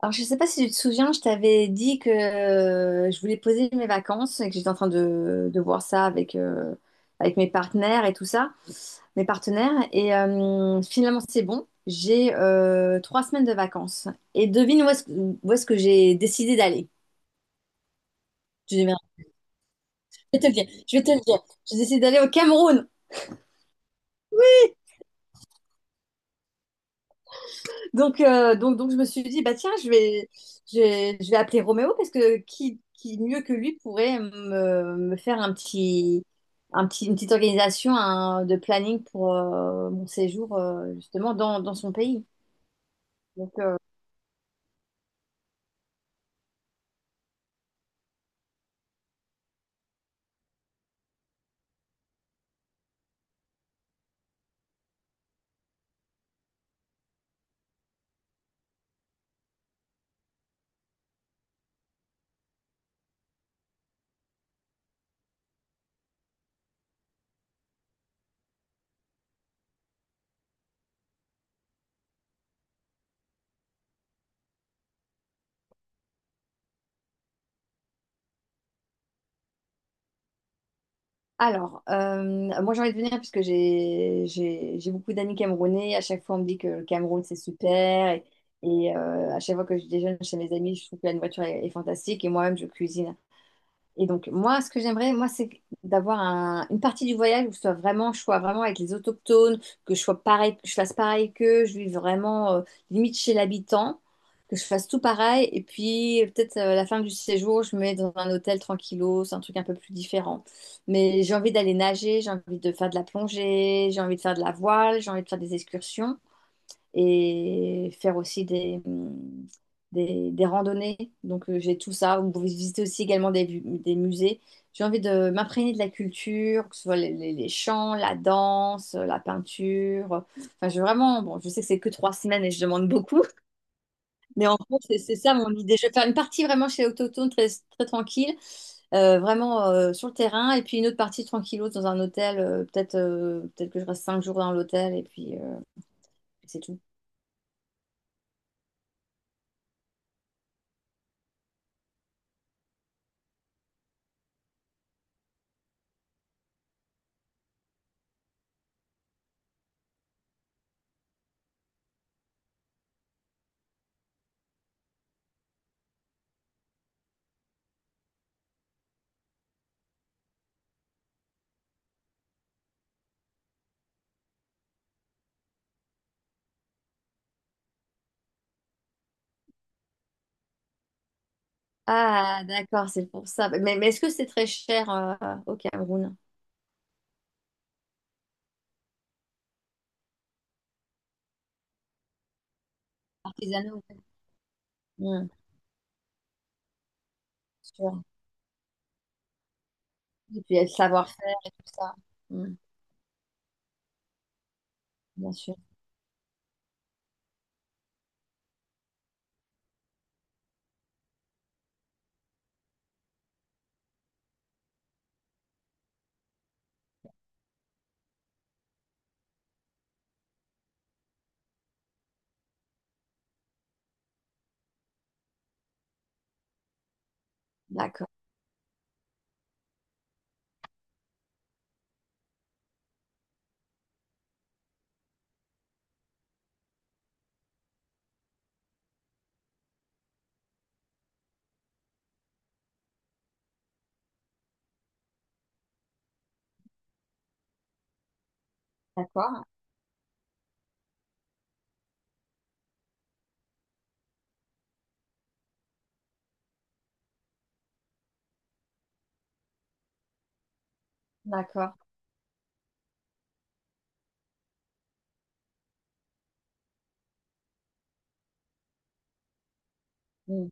Alors, je ne sais pas si tu te souviens, je t'avais dit que je voulais poser mes vacances et que j'étais en train de voir ça avec, avec mes partenaires et tout ça, mes partenaires. Finalement, c'est bon. J'ai trois semaines de vacances. Et devine où est-ce que j'ai décidé d'aller. Je vais te le dire. J'ai décidé d'aller au Cameroun. Donc, je me suis dit, bah tiens, je vais appeler Roméo parce que qui mieux que lui pourrait me faire une petite organisation de planning pour mon séjour justement dans son pays. Donc, euh, alors, moi j'ai envie de venir puisque j'ai beaucoup d'amis camerounais. À chaque fois, on me dit que le Cameroun c'est super. Et à chaque fois que je déjeune chez mes amis, je trouve que la nourriture est fantastique. Et moi-même, je cuisine. Et donc, moi, ce que j'aimerais, moi, c'est d'avoir une partie du voyage où je sois vraiment avec les autochtones, que je sois pareil, que je fasse pareil qu'eux, je vive vraiment, limite chez l'habitant, que je fasse tout pareil. Et puis, peut-être à la fin du séjour, je me mets dans un hôtel tranquillo, c'est un truc un peu plus différent. Mais j'ai envie d'aller nager, j'ai envie de faire de la plongée, j'ai envie de faire de la voile, j'ai envie de faire des excursions et faire aussi des randonnées. J'ai tout ça. Vous pouvez visiter aussi également des, des musées. J'ai envie de m'imprégner de la culture, que ce soit les chants, la danse, la peinture. Enfin, je vraiment, bon, je sais que c'est que 3 semaines et je demande beaucoup, mais en gros, c'est ça mon idée. Je vais faire une partie vraiment chez Autochtone, très, très tranquille, vraiment sur le terrain, et puis une autre partie tranquille dans un hôtel. Peut-être que je reste 5 jours dans l'hôtel, et puis c'est tout. Ah, d'accord, c'est pour ça. Mais est-ce que c'est très cher au Cameroun? Artisanat, ouais. Mm, sûr. Et puis il y a le savoir-faire et tout ça. Mm, bien sûr. D'accord, d'accord, d'accord. Mm,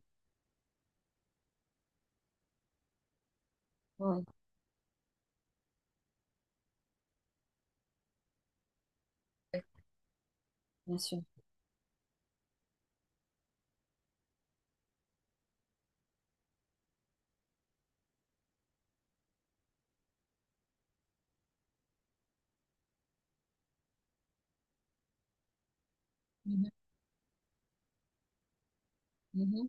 ouais, ouais, bien sûr. Mhm, mhm,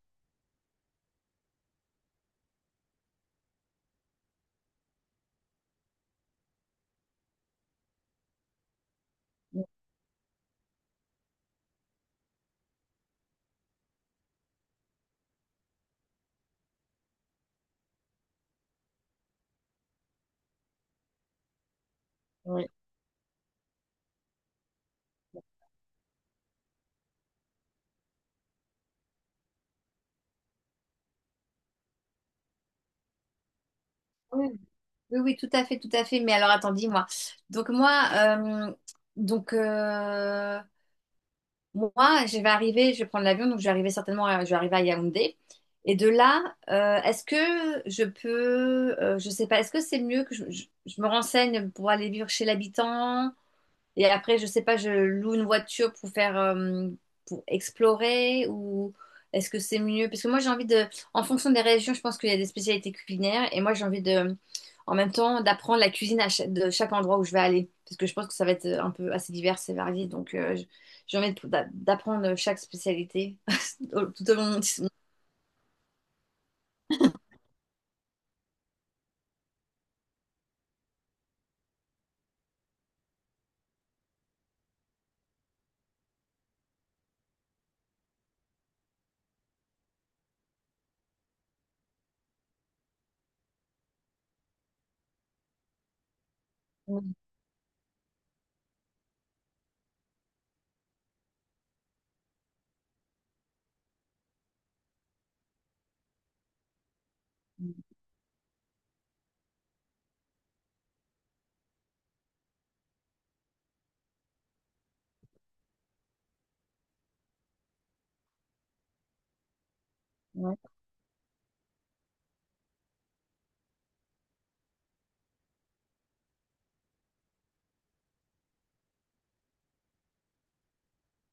mm, oui. Oui, oui, oui, tout à fait, tout à fait. Mais alors, attends, dis-moi. Donc, moi, euh, donc, euh, Moi, je vais arriver, je vais prendre l'avion, donc je vais arriver certainement, à, je vais arriver à Yaoundé. Et de là, est-ce que je peux, je sais pas, est-ce que c'est mieux que je me renseigne pour aller vivre chez l'habitant? Et après, je sais pas, je loue une voiture pour faire, pour explorer ou est-ce que c'est mieux? Parce que moi, j'ai envie de, en fonction des régions, je pense qu'il y a des spécialités culinaires et moi, j'ai envie de, en même temps, d'apprendre la cuisine à de chaque endroit où je vais aller. Parce que je pense que ça va être un peu assez divers et varié. J'ai envie d'apprendre chaque spécialité tout au long de mon...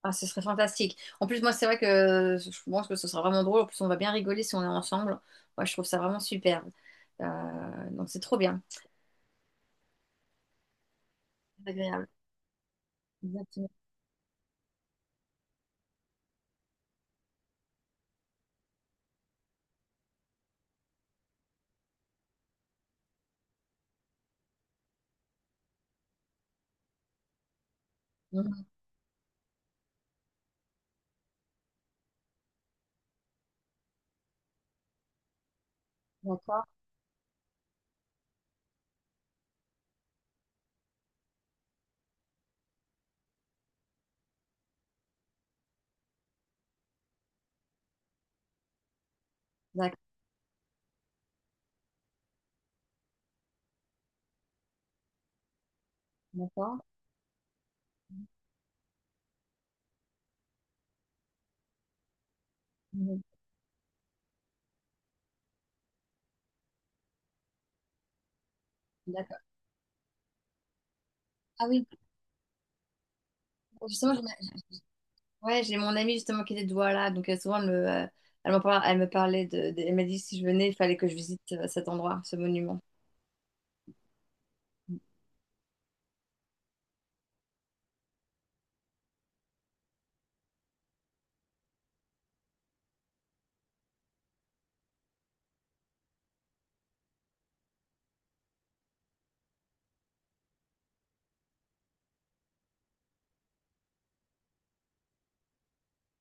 Ah, ce serait fantastique. En plus, moi, c'est vrai que je pense que ce sera vraiment drôle. En plus, on va bien rigoler si on est ensemble. Moi, je trouve ça vraiment superbe. C'est trop bien. C'est agréable. Exactement. Mhm. D'accord, d'accord, d'accord. Mhm. D'accord. Ah oui, justement, ouais, j'ai mon amie justement qui était de Douala, souvent elle elle me parlait elle m'a dit si je venais, il fallait que je visite cet endroit, ce monument.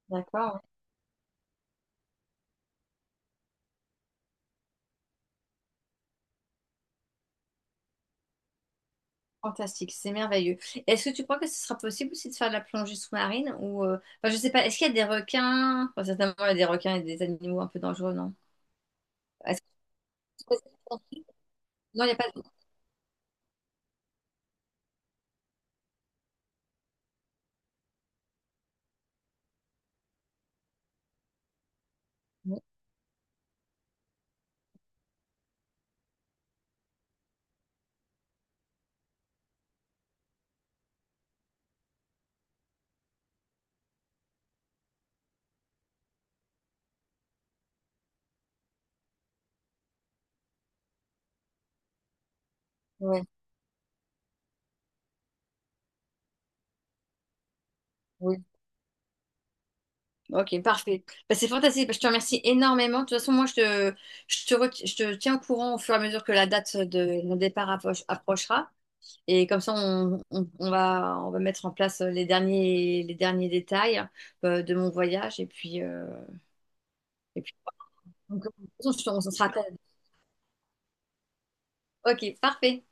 D'accord, fantastique, c'est merveilleux. Est-ce que tu crois que ce sera possible aussi de faire de la plongée sous-marine ou enfin, je sais pas, est-ce qu'il y a des requins? Enfin, certainement il y a des requins et des animaux un peu dangereux, non? Est-ce que- Non, il n'y a pas de... Ouais, oui. Ok, parfait. Bah, c'est fantastique. Bah, je te remercie énormément. De toute façon, moi, je te, re- je te tiens au courant au fur et à mesure que la date de mon départ approchera. Et comme ça, on va mettre en place les derniers détails de mon voyage. Et puis, et puis donc, de toute façon, on se sera ok, parfait.